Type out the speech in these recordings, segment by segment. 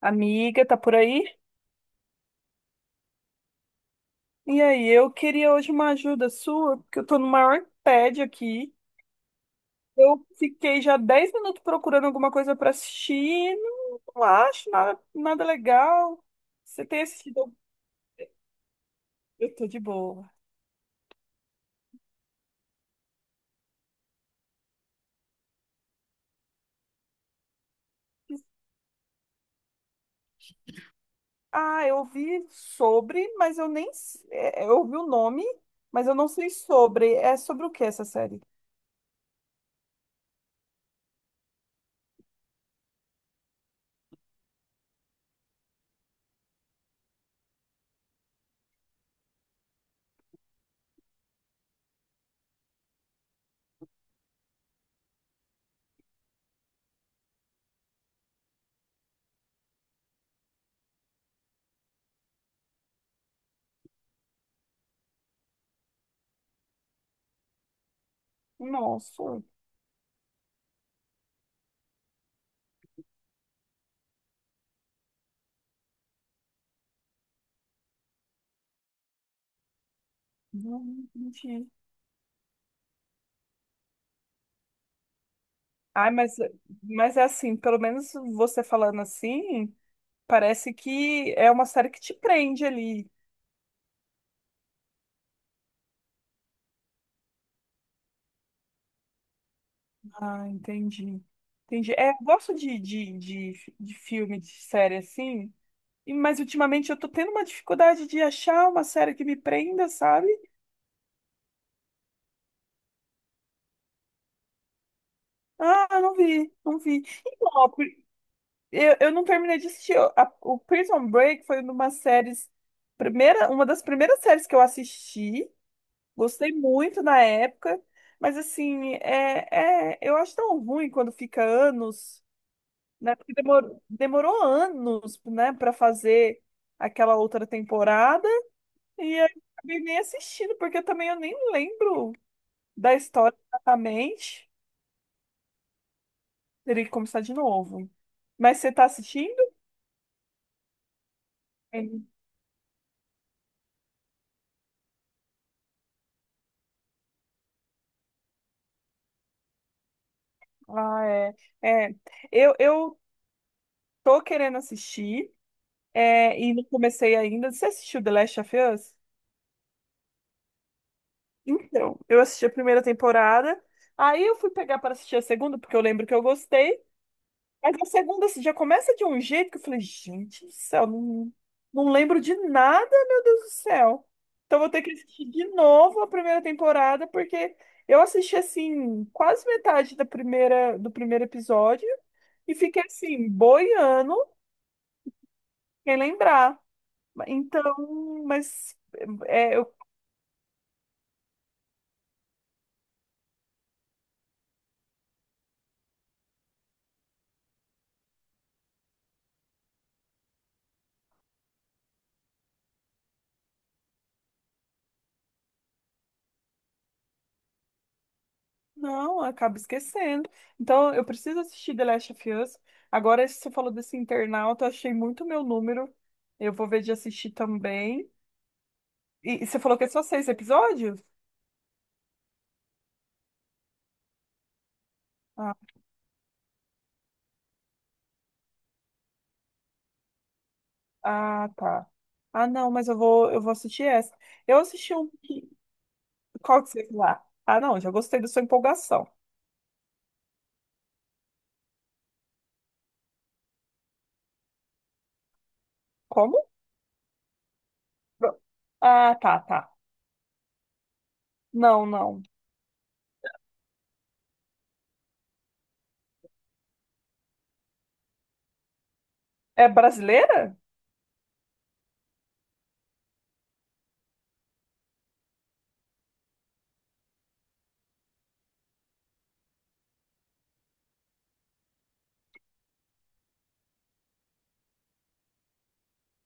Amiga, tá por aí? E aí, eu queria hoje uma ajuda sua, porque eu tô no maior tédio aqui. Eu fiquei já 10 minutos procurando alguma coisa pra assistir, e não acho nada, nada legal. Você tem assistido? Eu tô de boa. Ah, eu ouvi sobre, mas eu nem. S- é, é, Eu ouvi o nome, mas eu não sei sobre. É sobre o que essa série? Nossa. Não entendi. Ai, mas, mas é assim, pelo menos você falando assim, parece que é uma série que te prende ali. Ah, entendi. Entendi. É, eu gosto de filme, de série assim, mas ultimamente eu tô tendo uma dificuldade de achar uma série que me prenda, sabe? Ah, não vi, não vi. Então, ó, eu não terminei de assistir. O Prison Break foi uma séries, uma das primeiras séries que eu assisti. Gostei muito na época, mas assim, eu acho tão ruim quando fica anos, né? Porque demorou, demorou anos, né, para fazer aquela outra temporada, e aí eu acabei nem assistindo, porque também eu nem lembro da história exatamente. Teria que começar de novo. Mas você tá assistindo? Sim. Ah, é. É. Eu tô querendo assistir, e não comecei ainda. Você assistiu The Last of Us? Então, eu assisti a primeira temporada, aí eu fui pegar para assistir a segunda, porque eu lembro que eu gostei, mas a segunda assim, já começa de um jeito que eu falei, gente do céu, não, não lembro de nada, meu Deus do céu. Então vou ter que assistir de novo a primeira temporada, porque eu assisti assim, quase metade da primeira, do primeiro episódio e fiquei assim, boiando, sem lembrar. Então, mas. É eu não, acaba esquecendo. Então, eu preciso assistir The Last of Us. Agora, você falou desse internauta, eu achei muito meu número. Eu vou ver de assistir também. E você falou que é só seis episódios? Ah, ah, tá. Ah, não, mas eu vou assistir essa. Eu assisti um. Que- Qual que você lá? Ah, ah, não, já gostei da sua empolgação. Como? Ah, tá, tá. Não, não. É brasileira?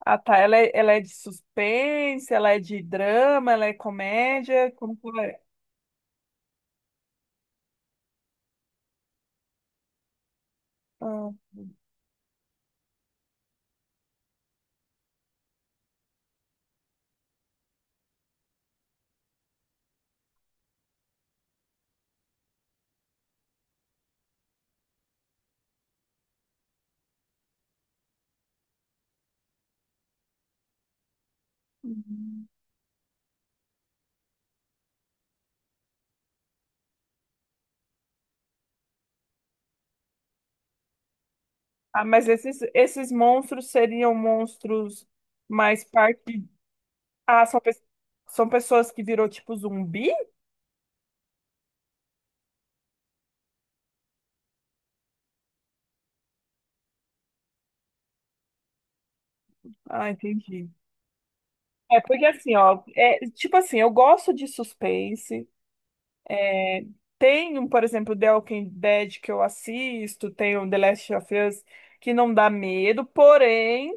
Ah, tá. Ela é de suspense, ela é de drama, ela é comédia. Como que ela é? Ah, uhum. Ah, mas esses, esses monstros seriam monstros mais parte. Ah, são pessoas que virou tipo zumbi? Ah, entendi. É porque assim, ó, é, tipo assim, eu gosto de suspense. Tem, um, por exemplo, The Walking Dead que eu assisto, tem o The Last of Us que não dá medo, porém,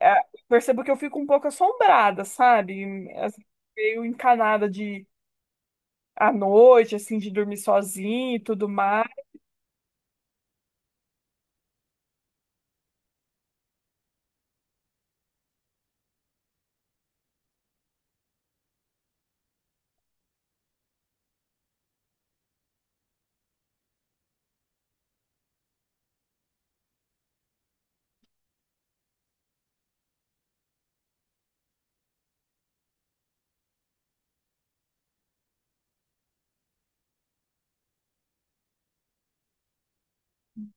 é, percebo que eu fico um pouco assombrada, sabe? Assim, meio encanada de à noite, assim, de dormir sozinha e tudo mais.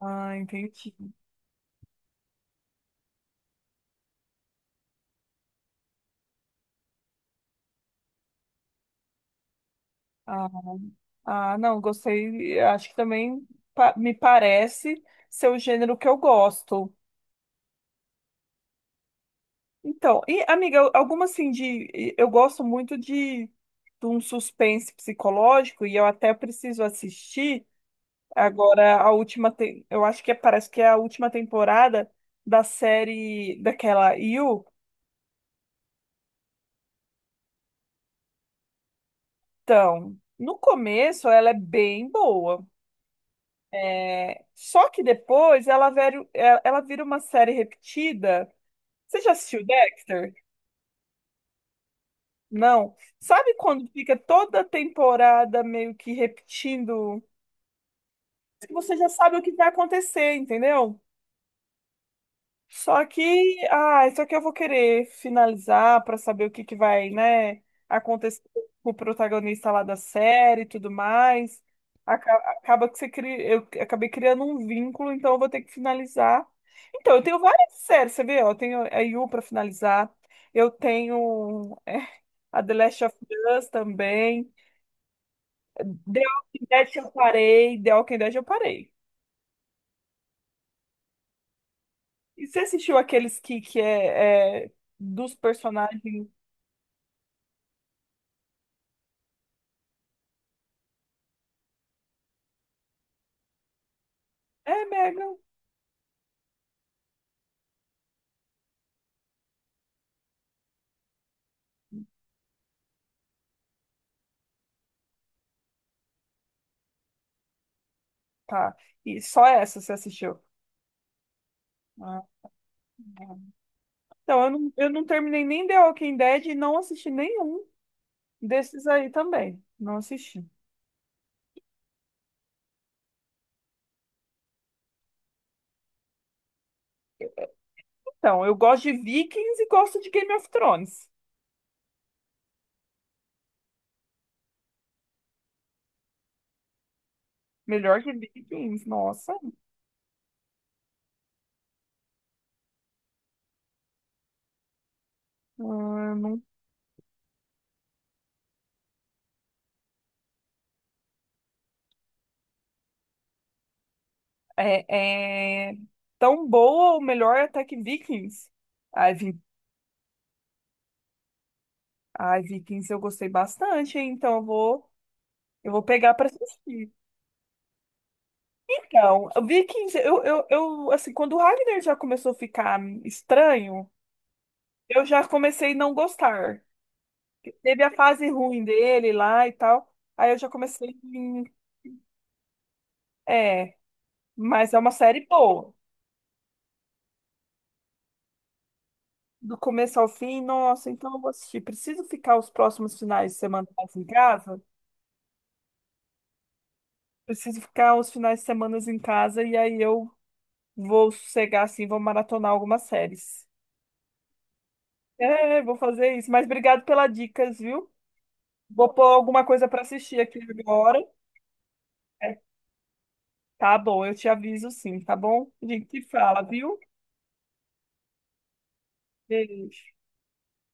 Ah, entendi. Ah, ah, não, gostei. Acho que também me parece ser o gênero que eu gosto. Então, e amiga, eu- alguma assim de. Eu gosto muito de um suspense psicológico e eu até preciso assistir agora a última. Eu acho que parece que é a última temporada da série daquela You. Então, no começo ela é bem boa. É, só que depois ela, vero- ela ela vira uma série repetida. Você já assistiu Dexter? Não. Sabe quando fica toda temporada meio que repetindo? Você já sabe o que vai acontecer, entendeu? Só que, ah, só que eu vou querer finalizar para saber o que que vai, né, acontecer com o protagonista lá da série e tudo mais. Acaba que você cria, eu acabei criando um vínculo, então eu vou ter que finalizar. Então, eu tenho várias séries, você vê, ó, eu tenho a You para finalizar. Eu tenho a The Last of Us também. The Walking Dead eu parei, The Walking Dead eu parei. E você assistiu aqueles que, dos personagens é Megan. Tá. E só essa você assistiu. Ah. Então, eu não terminei nem The Walking Dead e não assisti nenhum desses aí também. Não assisti. Então, eu gosto de Vikings e gosto de Game of Thrones. Melhor que Vikings, nossa. Ah, não. É, é tão boa ou melhor até que Vikings. Ai, Vi- Ai, Vikings eu gostei bastante, hein? Então eu vou pegar pra assistir. Então, Vikings, eu, assim, quando o Ragnar já começou a ficar estranho, eu já comecei a não gostar. Teve a fase ruim dele lá e tal, aí eu já comecei, em- é, mas é uma série boa. Do começo ao fim, nossa, então eu vou assistir. Preciso ficar os próximos finais de semana em casa? Preciso ficar os finais de semana em casa e aí eu vou sossegar, assim, vou maratonar algumas séries. É, vou fazer isso. Mas obrigado pelas dicas, viu? Vou pôr alguma coisa para assistir aqui agora. É, tá bom, eu te aviso sim, tá bom? A gente se fala, viu? Beijo.